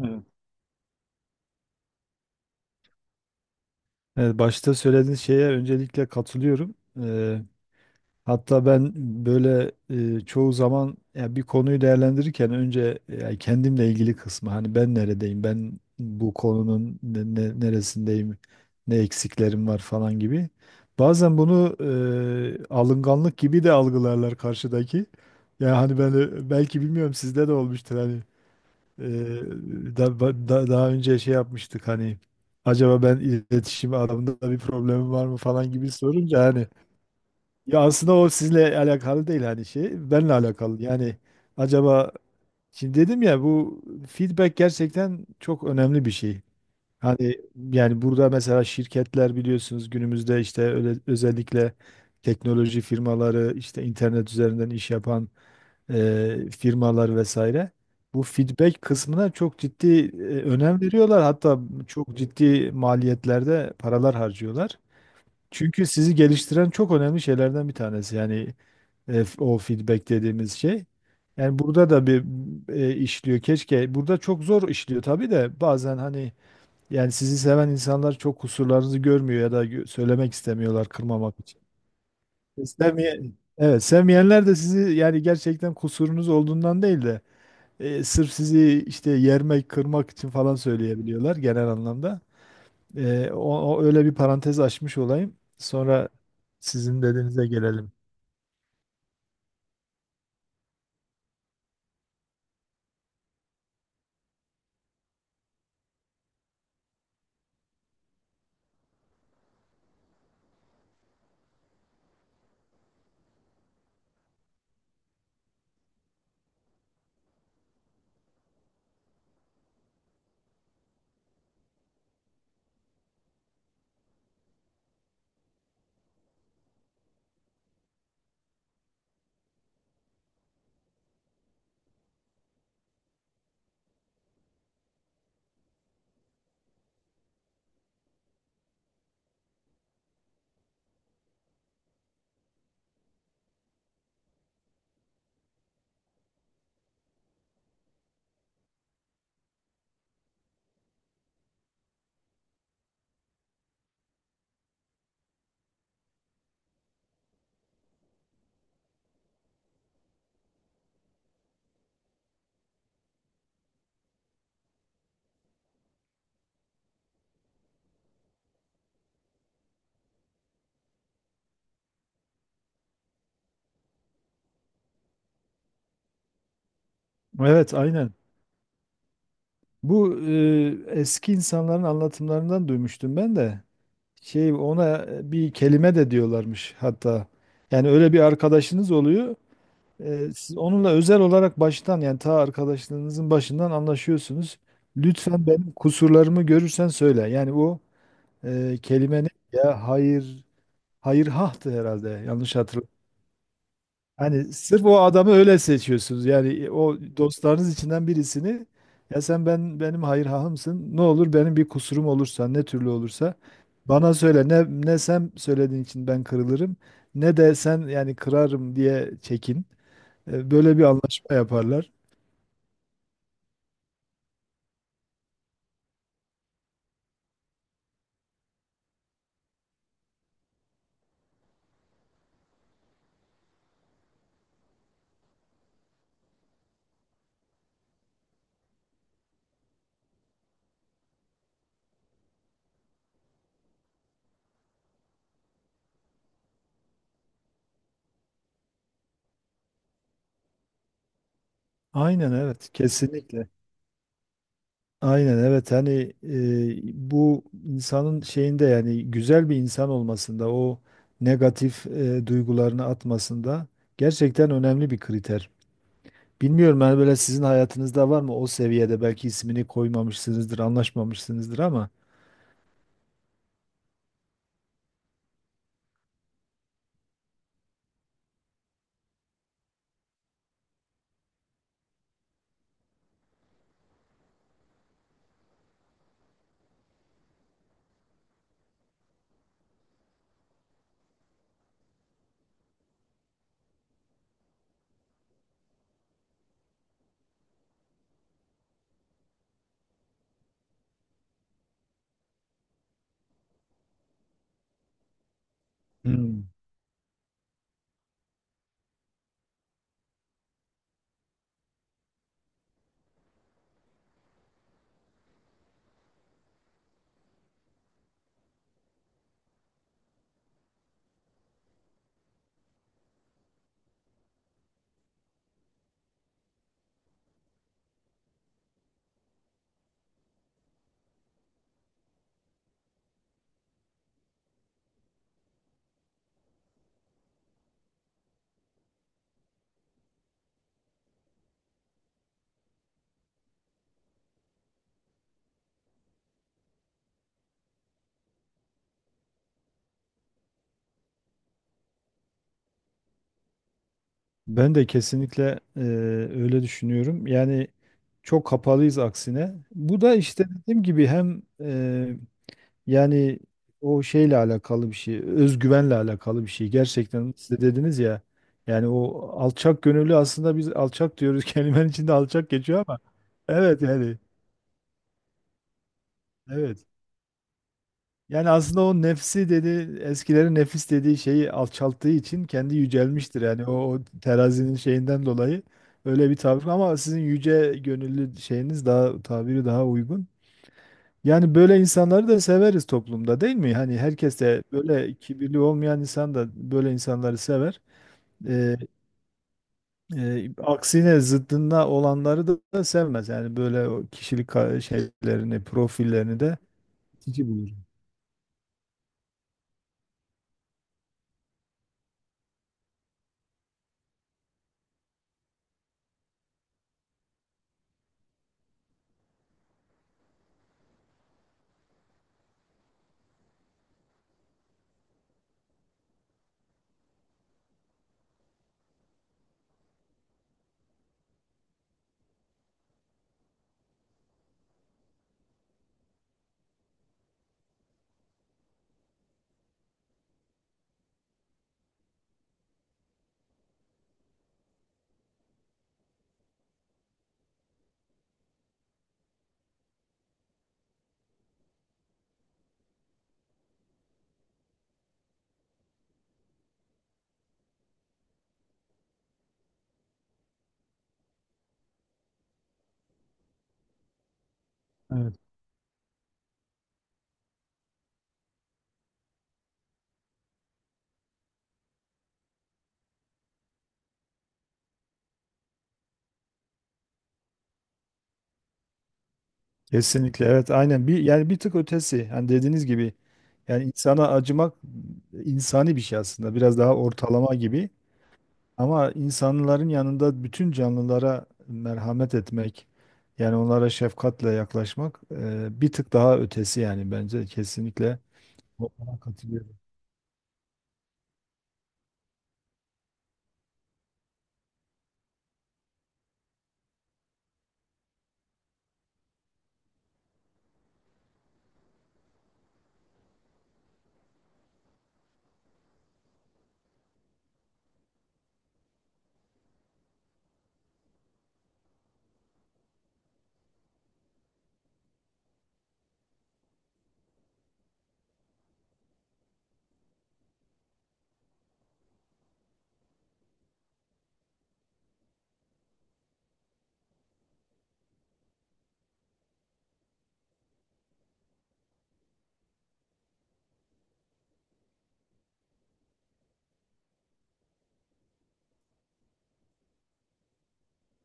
Evet. Evet, başta söylediğiniz şeye öncelikle katılıyorum. Hatta ben böyle çoğu zaman ya bir konuyu değerlendirirken önce ya kendimle ilgili kısmı hani ben neredeyim, ben bu konunun neresindeyim, ne eksiklerim var falan gibi. Bazen bunu alınganlık gibi de algılarlar karşıdaki. Yani hani belki bilmiyorum sizde de olmuştur hani. Ee, daha önce şey yapmıştık hani acaba ben iletişim alanında bir problemim var mı falan gibi sorunca hani ya aslında o sizinle alakalı değil hani şey benimle alakalı yani. Acaba şimdi dedim ya bu feedback gerçekten çok önemli bir şey. Hani yani burada mesela şirketler biliyorsunuz günümüzde işte öyle, özellikle teknoloji firmaları işte internet üzerinden iş yapan firmalar vesaire. Bu feedback kısmına çok ciddi önem veriyorlar. Hatta çok ciddi maliyetlerde paralar harcıyorlar. Çünkü sizi geliştiren çok önemli şeylerden bir tanesi. Yani o feedback dediğimiz şey. Yani burada da bir işliyor. Keşke. Burada çok zor işliyor tabii de bazen hani yani sizi seven insanlar çok kusurlarınızı görmüyor ya da söylemek istemiyorlar kırmamak için. Sevmeyen, evet sevmeyenler de sizi yani gerçekten kusurunuz olduğundan değil de sırf sizi işte yermek, kırmak için falan söyleyebiliyorlar genel anlamda. O öyle bir parantez açmış olayım. Sonra sizin dediğinize gelelim. Evet, aynen. Bu eski insanların anlatımlarından duymuştum ben de. Şey, ona bir kelime de diyorlarmış hatta. Yani öyle bir arkadaşınız oluyor. Siz onunla özel olarak baştan yani ta arkadaşlığınızın başından anlaşıyorsunuz. Lütfen benim kusurlarımı görürsen söyle. Yani o kelime ne ya? Hayır, hayır hahtı herhalde. Yanlış hatırladım. Hani sırf o adamı öyle seçiyorsunuz. Yani o dostlarınız içinden birisini. Ya sen, ben benim hayır hahımsın. Ne olur benim bir kusurum olursa ne türlü olursa bana söyle. Ne ne sen söylediğin için ben kırılırım ne de sen yani kırarım diye çekin. Böyle bir anlaşma yaparlar. Aynen evet, kesinlikle. Aynen evet hani bu insanın şeyinde yani güzel bir insan olmasında o negatif duygularını atmasında gerçekten önemli bir kriter. Bilmiyorum hani böyle sizin hayatınızda var mı o seviyede, belki ismini koymamışsınızdır, anlaşmamışsınızdır ama. Hmm, ben de kesinlikle öyle düşünüyorum. Yani çok kapalıyız aksine. Bu da işte dediğim gibi hem yani o şeyle alakalı bir şey, özgüvenle alakalı bir şey. Gerçekten siz de dediniz ya. Yani o alçak gönüllü, aslında biz alçak diyoruz kelimenin içinde alçak geçiyor ama evet yani evet. Yani aslında o nefsi, dedi eskilerin, nefis dediği şeyi alçalttığı için kendi yücelmiştir. Yani o, o terazinin şeyinden dolayı öyle bir tabir ama sizin yüce gönüllü şeyiniz daha, tabiri daha uygun. Yani böyle insanları da severiz toplumda değil mi? Hani herkes de, böyle kibirli olmayan insan da böyle insanları sever. Ee, aksine zıddında olanları da sevmez. Yani böyle o kişilik şeylerini, profillerini de İtici bulur. Evet, kesinlikle evet aynen, bir yani bir tık ötesi. Hani dediğiniz gibi yani insana acımak insani bir şey aslında. Biraz daha ortalama gibi. Ama insanların yanında bütün canlılara merhamet etmek, yani onlara şefkatle yaklaşmak bir tık daha ötesi yani, bence kesinlikle. Ona katılıyorum.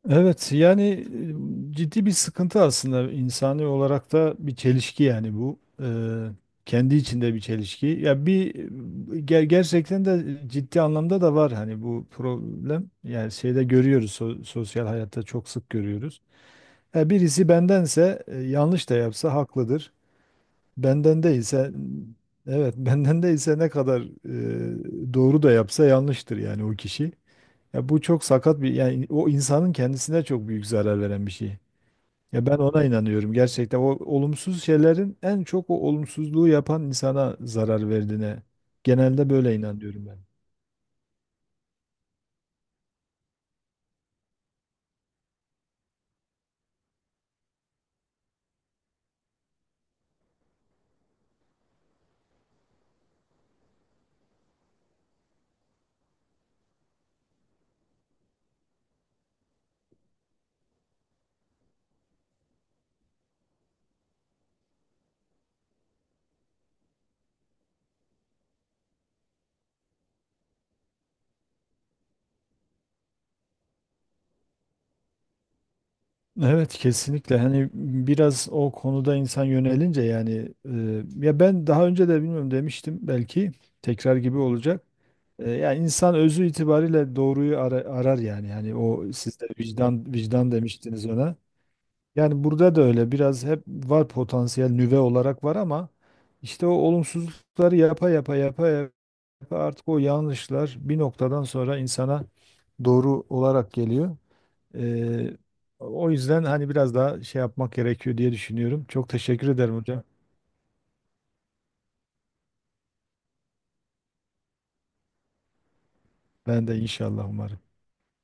Evet yani ciddi bir sıkıntı, aslında insani olarak da bir çelişki yani bu. Kendi içinde bir çelişki. Ya bir gerçekten de ciddi anlamda da var hani bu problem. Yani şeyde görüyoruz, sosyal hayatta çok sık görüyoruz. Birisi bendense yanlış da yapsa haklıdır. Benden değilse evet benden değilse ne kadar doğru da yapsa yanlıştır yani o kişi. Ya bu çok sakat bir, yani o insanın kendisine çok büyük zarar veren bir şey. Ya ben ona inanıyorum, gerçekten o olumsuz şeylerin en çok o olumsuzluğu yapan insana zarar verdiğine genelde böyle inanıyorum ben. Evet kesinlikle. Hani biraz o konuda insan yönelince yani ya ben daha önce de, bilmiyorum, demiştim belki, tekrar gibi olacak. Yani insan özü itibariyle doğruyu arar yani. Yani o siz de vicdan vicdan demiştiniz ona. Yani burada da öyle, biraz hep var, potansiyel nüve olarak var ama işte o olumsuzlukları yapa yapa yapa yapa artık o yanlışlar bir noktadan sonra insana doğru olarak geliyor. Ee, o yüzden hani biraz daha şey yapmak gerekiyor diye düşünüyorum. Çok teşekkür ederim hocam. Ben de inşallah, umarım.